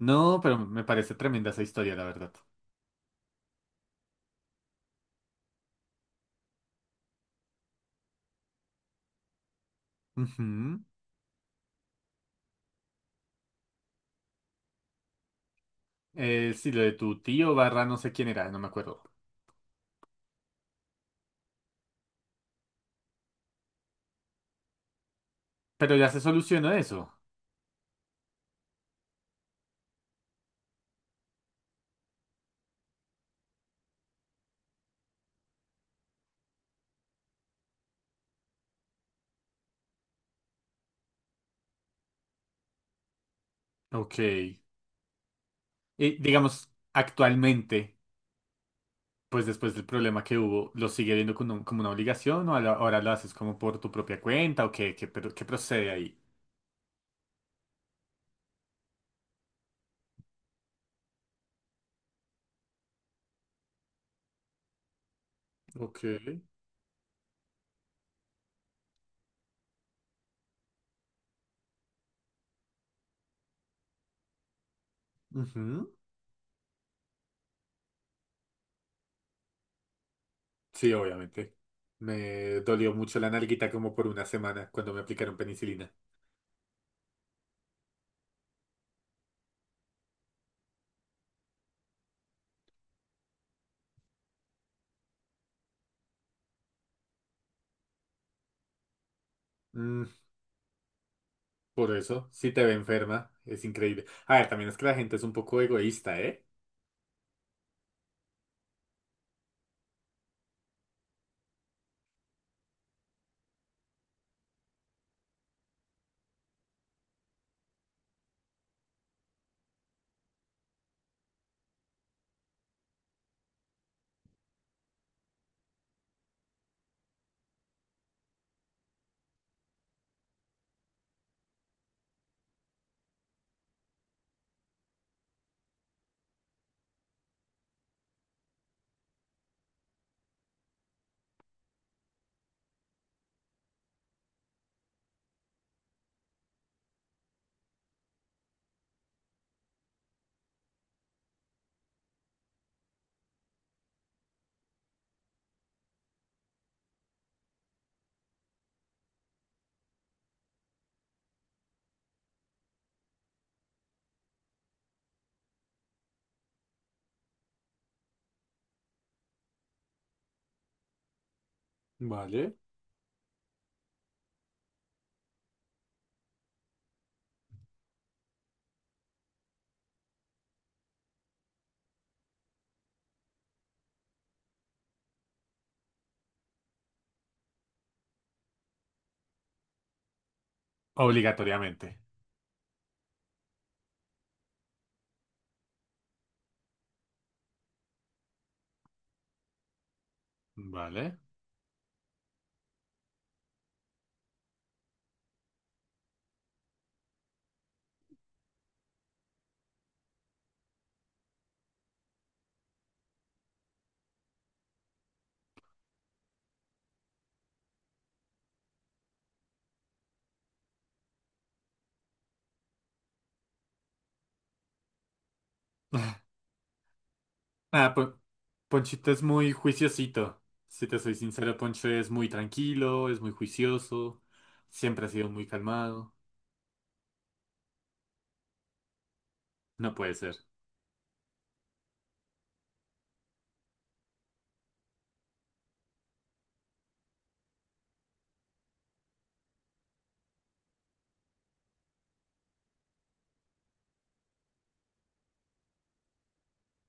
No, pero me parece tremenda esa historia, la verdad. Ujú. Sí, lo de tu tío barra no sé quién era, no me acuerdo. Pero ya se solucionó eso. Ok. Y digamos, actualmente, pues después del problema que hubo, ¿lo sigue viendo como como una obligación o ahora lo haces como por tu propia cuenta o pero, qué procede ahí? Ok. Ujú. Sí, obviamente. Me dolió mucho la nalguita como por una semana cuando me aplicaron penicilina. Por eso, si te ve enferma, es increíble. A ver, también es que la gente es un poco egoísta, ¿eh? Vale. Obligatoriamente. Vale. Ah, Pon- Ponchito es muy juiciosito. Si te soy sincero, Poncho es muy tranquilo, es muy juicioso, siempre ha sido muy calmado. No puede ser.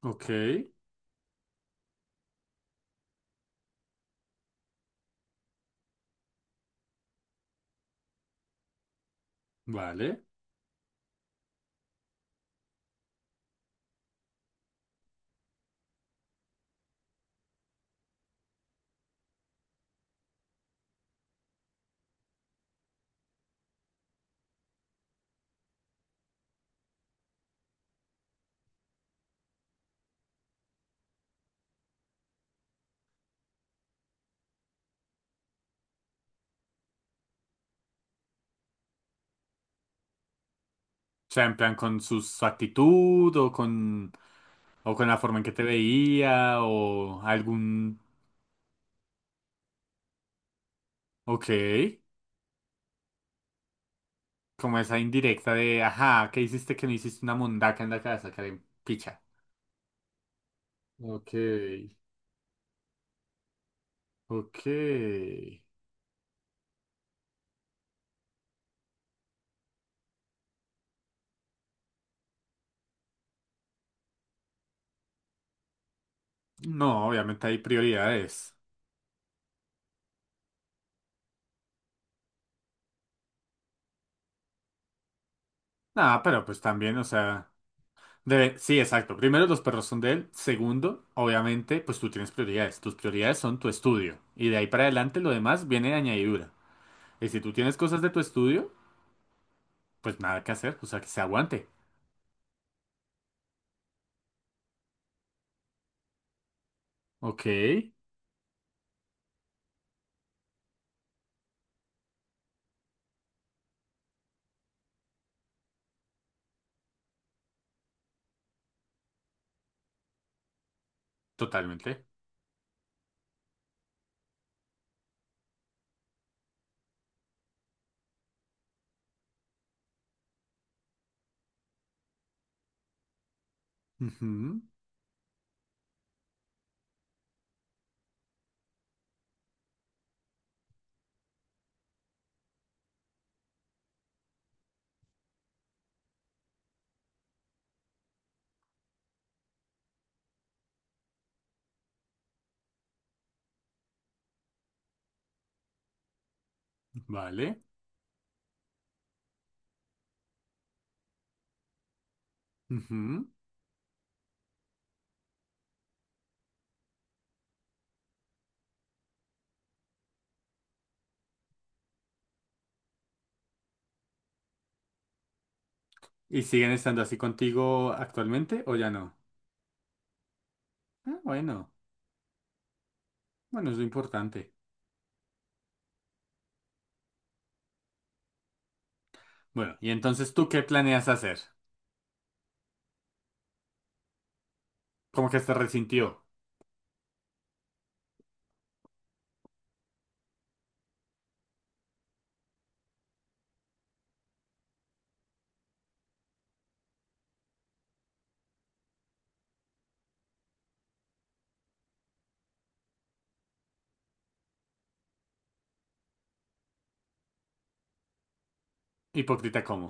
Ok. Vale. O sea, en plan con su actitud o con la forma en que te veía o algún. Ok. Como esa indirecta de, ajá, ¿qué hiciste que no hiciste una mundaca en la casa, Karen? Picha. Ok, ok. No, obviamente hay prioridades. Nada, pero pues también, o sea, debe, sí, exacto. Primero, los perros son de él. Segundo, obviamente, pues tú tienes prioridades. Tus prioridades son tu estudio. Y de ahí para adelante lo demás viene de añadidura. Y si tú tienes cosas de tu estudio, pues nada que hacer, o sea, que se aguante. Ok, totalmente. Ujú, vale. Ujú. ¿Y siguen estando así contigo actualmente o ya no? Ah, bueno, bueno, es lo importante. Bueno, y entonces, ¿tú qué planeas hacer? Como que se resintió. Hipócrita, ¿cómo?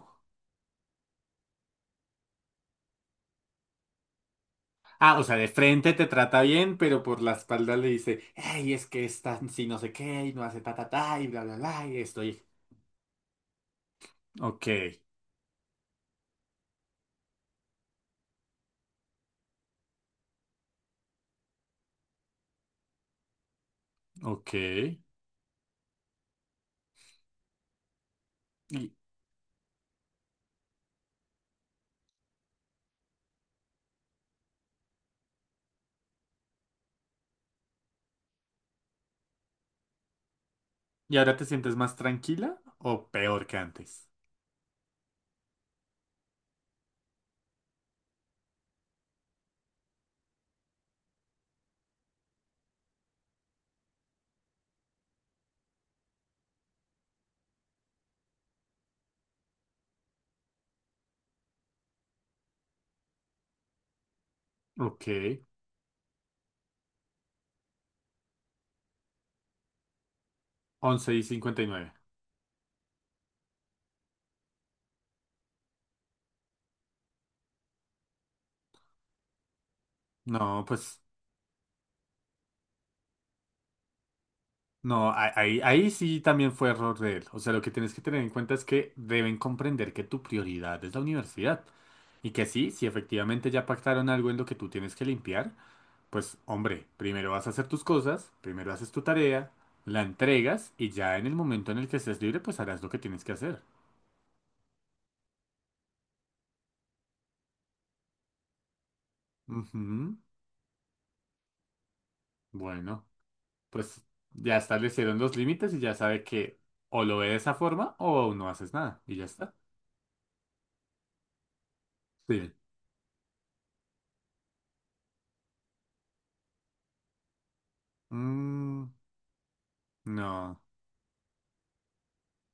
Ah, o sea, de frente te trata bien, pero por la espalda le dice, hey, es que está si no sé qué, y no hace ta ta ta, y bla bla bla, y estoy. Ok, ok. ¿Y ahora te sientes más tranquila o peor que antes? Ok, 11:59. No, pues. No, ahí, ahí sí también fue error de él. O sea, lo que tienes que tener en cuenta es que deben comprender que tu prioridad es la universidad. Y que sí, si efectivamente ya pactaron algo en lo que tú tienes que limpiar, pues hombre, primero vas a hacer tus cosas, primero haces tu tarea, la entregas y ya en el momento en el que estés libre, pues harás lo que tienes que hacer. Ujú. Bueno, pues ya establecieron los límites y ya sabe que o lo ve de esa forma o no haces nada y ya está. Sí. Mm, no.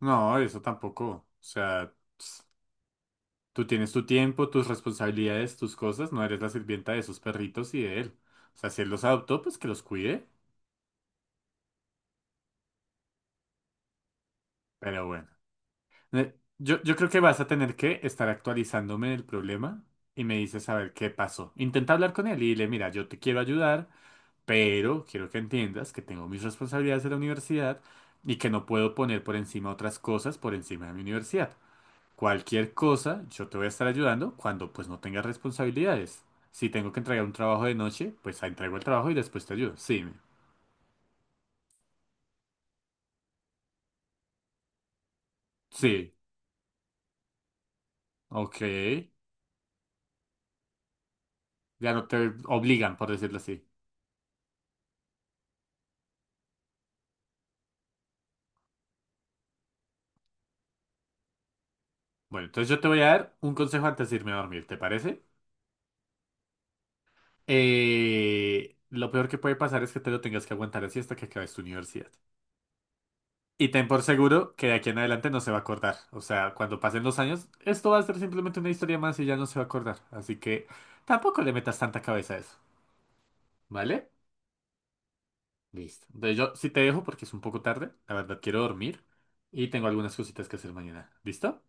No, eso tampoco. O sea, ps, tú tienes tu tiempo, tus responsabilidades, tus cosas, no eres la sirvienta de esos perritos y de él. O sea, si él los adoptó, pues que los cuide. Pero bueno. Yo creo que vas a tener que estar actualizándome del problema y me dices a ver qué pasó. Intenta hablar con él y dile, mira, yo te quiero ayudar, pero quiero que entiendas que tengo mis responsabilidades de la universidad y que no puedo poner por encima otras cosas por encima de mi universidad. Cualquier cosa, yo te voy a estar ayudando cuando pues no tengas responsabilidades. Si tengo que entregar un trabajo de noche, pues ahí entrego el trabajo y después te ayudo. Sí, ok. Ya no te obligan, por decirlo así. Bueno, entonces yo te voy a dar un consejo antes de irme a dormir, ¿te parece? Lo peor que puede pasar es que te lo tengas que aguantar así hasta que acabes tu universidad. Y ten por seguro que de aquí en adelante no se va a acordar. O sea, cuando pasen los años, esto va a ser simplemente una historia más y ya no se va a acordar. Así que tampoco le metas tanta cabeza a eso. ¿Vale? Listo. Entonces yo sí te dejo porque es un poco tarde. La verdad, quiero dormir y tengo algunas cositas que hacer mañana. ¿Listo?